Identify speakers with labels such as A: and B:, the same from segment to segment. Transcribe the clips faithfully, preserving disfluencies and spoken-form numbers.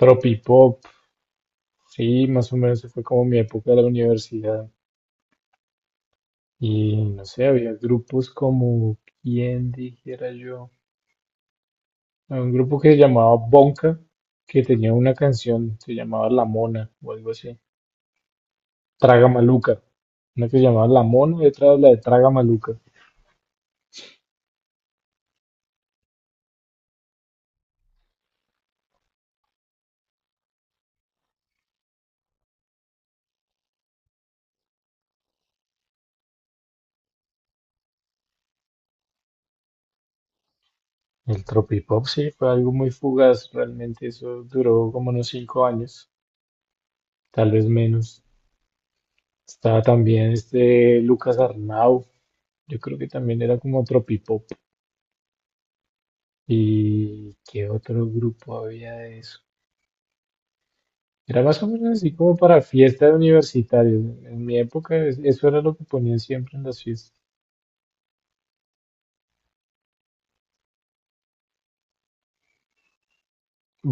A: Tropipop, sí, más o menos fue como mi época de la universidad. Y no sé, había grupos como, ¿quién dijera yo? Había un grupo que se llamaba Bonka, que tenía una canción, se llamaba La Mona o algo así. Traga Maluca, una que se llamaba La Mona y otra la de Traga Maluca. El Tropipop sí fue algo muy fugaz, realmente eso duró como unos cinco años, tal vez menos. Estaba también este Lucas Arnau, yo creo que también era como Tropipop. ¿Y qué otro grupo había de eso? Era más o menos así como para fiesta de universitarios. En mi época es- eso era lo que ponían siempre en las fiestas.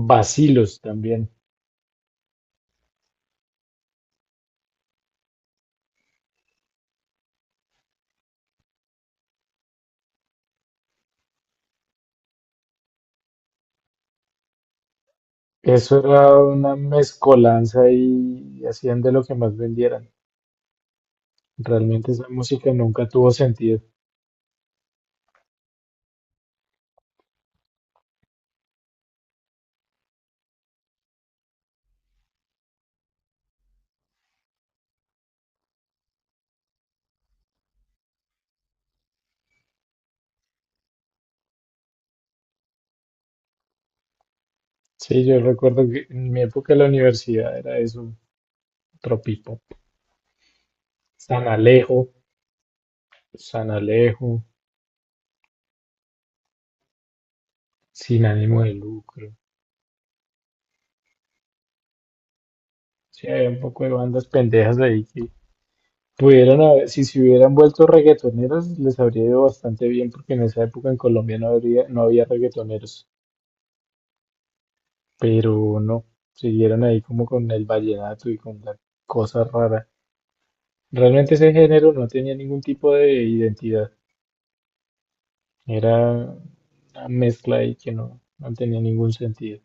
A: Vacilos también. Eso era una mezcolanza y hacían de lo que más vendieran. Realmente esa música nunca tuvo sentido. Sí, yo recuerdo que en mi época de la universidad era eso, tropipo. San Alejo, San Alejo, sin ánimo de lucro. Sí, había un poco de bandas pendejas ahí. Pudieran haber, si se hubieran vuelto reggaetoneras, les habría ido bastante bien, porque en esa época en Colombia no habría, no había reggaetoneros, pero no, siguieron ahí como con el vallenato y con la cosa rara. Realmente ese género no tenía ningún tipo de identidad, era una mezcla ahí que no, no tenía ningún sentido.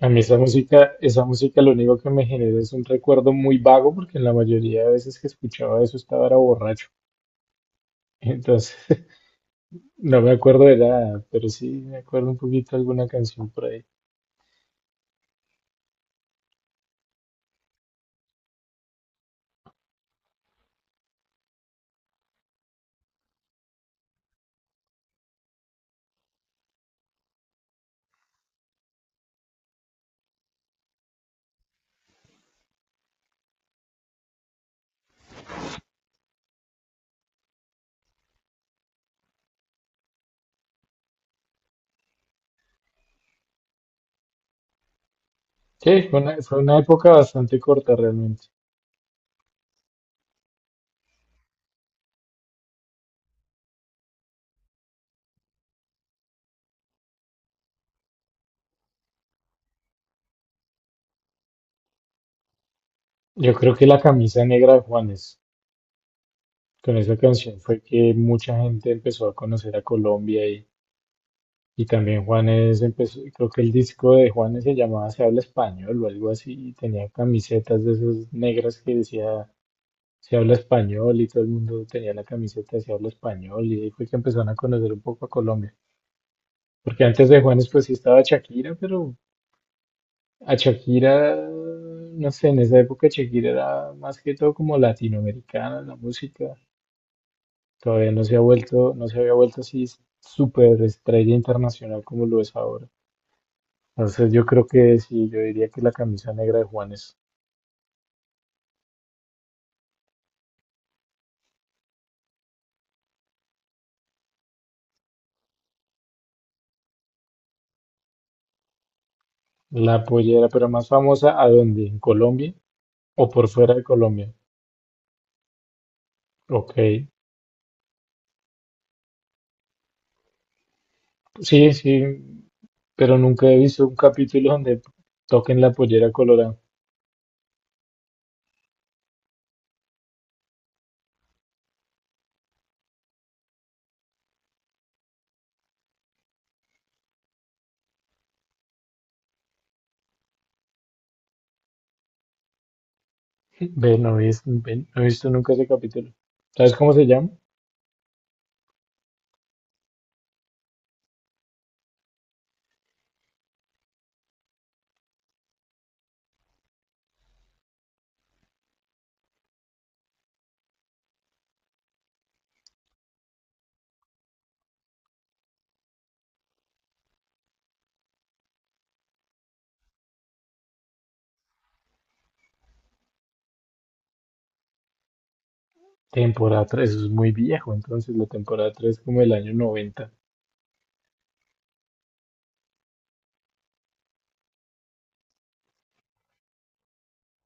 A: A mí esa música, esa música lo único que me generó es un recuerdo muy vago, porque en la mayoría de veces que escuchaba eso estaba era borracho. Entonces, no me acuerdo de nada, pero sí me acuerdo un poquito de alguna canción por ahí. Sí, fue una, fue una época bastante corta realmente. Yo creo que la camisa negra de Juanes, con esa canción fue que mucha gente empezó a conocer a Colombia y, y también Juanes empezó, creo que el disco de Juanes se llamaba Se habla español o algo así, y tenía camisetas de esas negras que decía Se habla español y todo el mundo tenía la camiseta de Se habla español y ahí fue que empezaron a conocer un poco a Colombia. Porque antes de Juanes pues sí estaba Shakira, pero a Shakira, no sé, en esa época Shakira era más que todo como latinoamericana, en la música. Todavía no se ha vuelto, no se había vuelto así súper estrella internacional como lo es ahora. Entonces yo creo que sí, yo diría que la camisa negra de Juan es la pollera, pero más famosa, ¿a dónde? ¿En Colombia o por fuera de Colombia? Ok, sí, sí, pero nunca he visto un capítulo donde toquen la pollera colorada. Ve, no he visto, ve, no he visto nunca ese capítulo. ¿Sabes cómo se llama? Temporada tres, eso es muy viejo, entonces la temporada tres como el año noventa.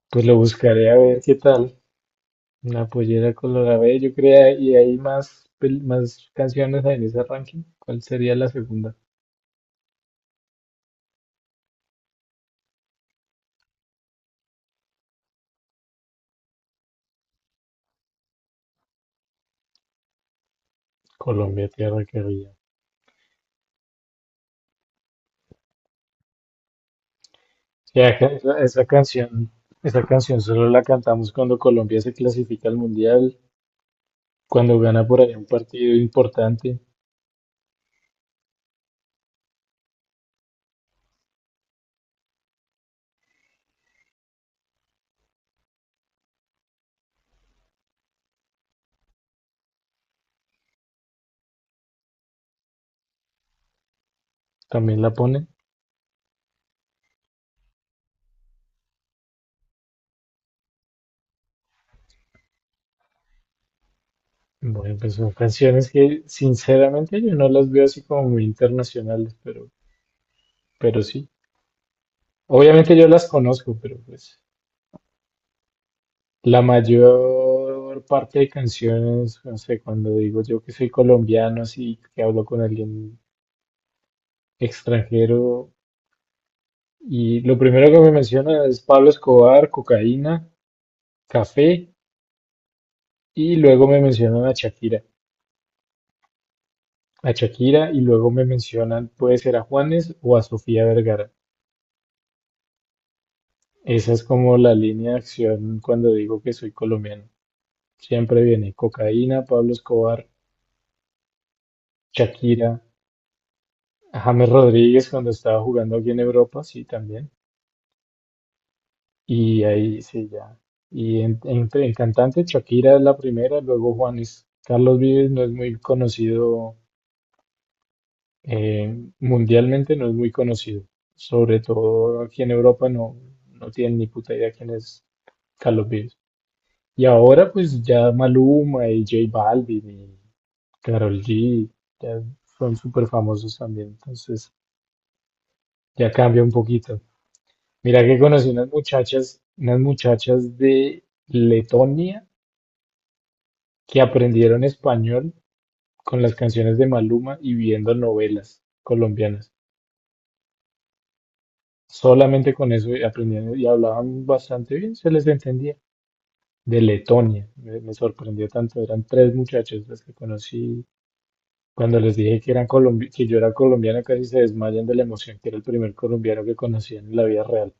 A: Pues lo buscaré a ver qué tal. La pollera colorada, ve, yo creo, y hay más, pel- más canciones en ese ranking. ¿Cuál sería la segunda? Colombia, tierra querida. Sí, acá- esa, esa canción, esa canción solo la cantamos cuando Colombia se clasifica al mundial, cuando gana por ahí un partido importante, también la ponen. Bueno, pues son canciones que sinceramente yo no las veo así como muy internacionales, pero, pero sí. Obviamente yo las conozco, pero pues la mayor parte de canciones, no sé, cuando digo yo que soy colombiano, así que hablo con alguien extranjero, y lo primero que me menciona es Pablo Escobar, cocaína, café, y luego me mencionan a Shakira, a Shakira, y luego me mencionan, puede ser a Juanes o a Sofía Vergara. Esa es como la línea de acción cuando digo que soy colombiano. Siempre viene cocaína, Pablo Escobar, Shakira, James Rodríguez cuando estaba jugando aquí en Europa, sí, también. Y ahí sí, ya. Y en, en- en cantante, Shakira es la primera, luego Juanes. Carlos Vives no es muy conocido, eh, mundialmente, no es muy conocido. Sobre todo aquí en Europa no, no tienen ni puta idea quién es Carlos Vives. Y ahora pues ya Maluma y J Balvin y Karol G ya son súper famosos también. Entonces ya cambia un poquito. Mira que conocí unas muchachas, unas muchachas de Letonia que aprendieron español con las canciones de Maluma y viendo novelas colombianas. Solamente con eso aprendían y hablaban bastante bien, se les entendía. De Letonia, me, me sorprendió tanto. Eran tres muchachas las que conocí. Cuando les dije que eran colombi- que yo era colombiano, casi se desmayan de la emoción que era el primer colombiano que conocían en la vida real.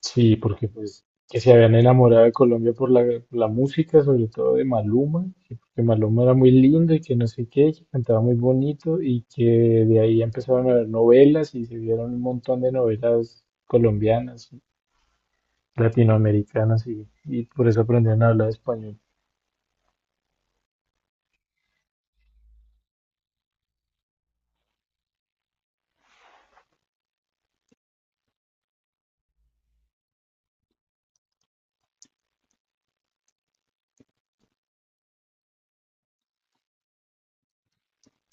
A: Sí, porque pues que se habían enamorado de Colombia por la, por la música, sobre todo de Maluma, que porque Maluma era muy lindo y que no sé qué, que cantaba muy bonito y que de ahí empezaron a ver novelas y se vieron un montón de novelas colombianas, latinoamericanas y, y por eso aprendieron a hablar español.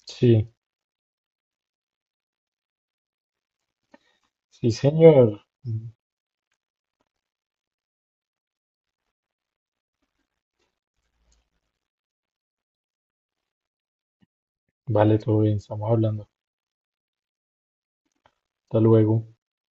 A: Sí, sí, señor. Vale, todo bien, estamos hablando. Hasta luego.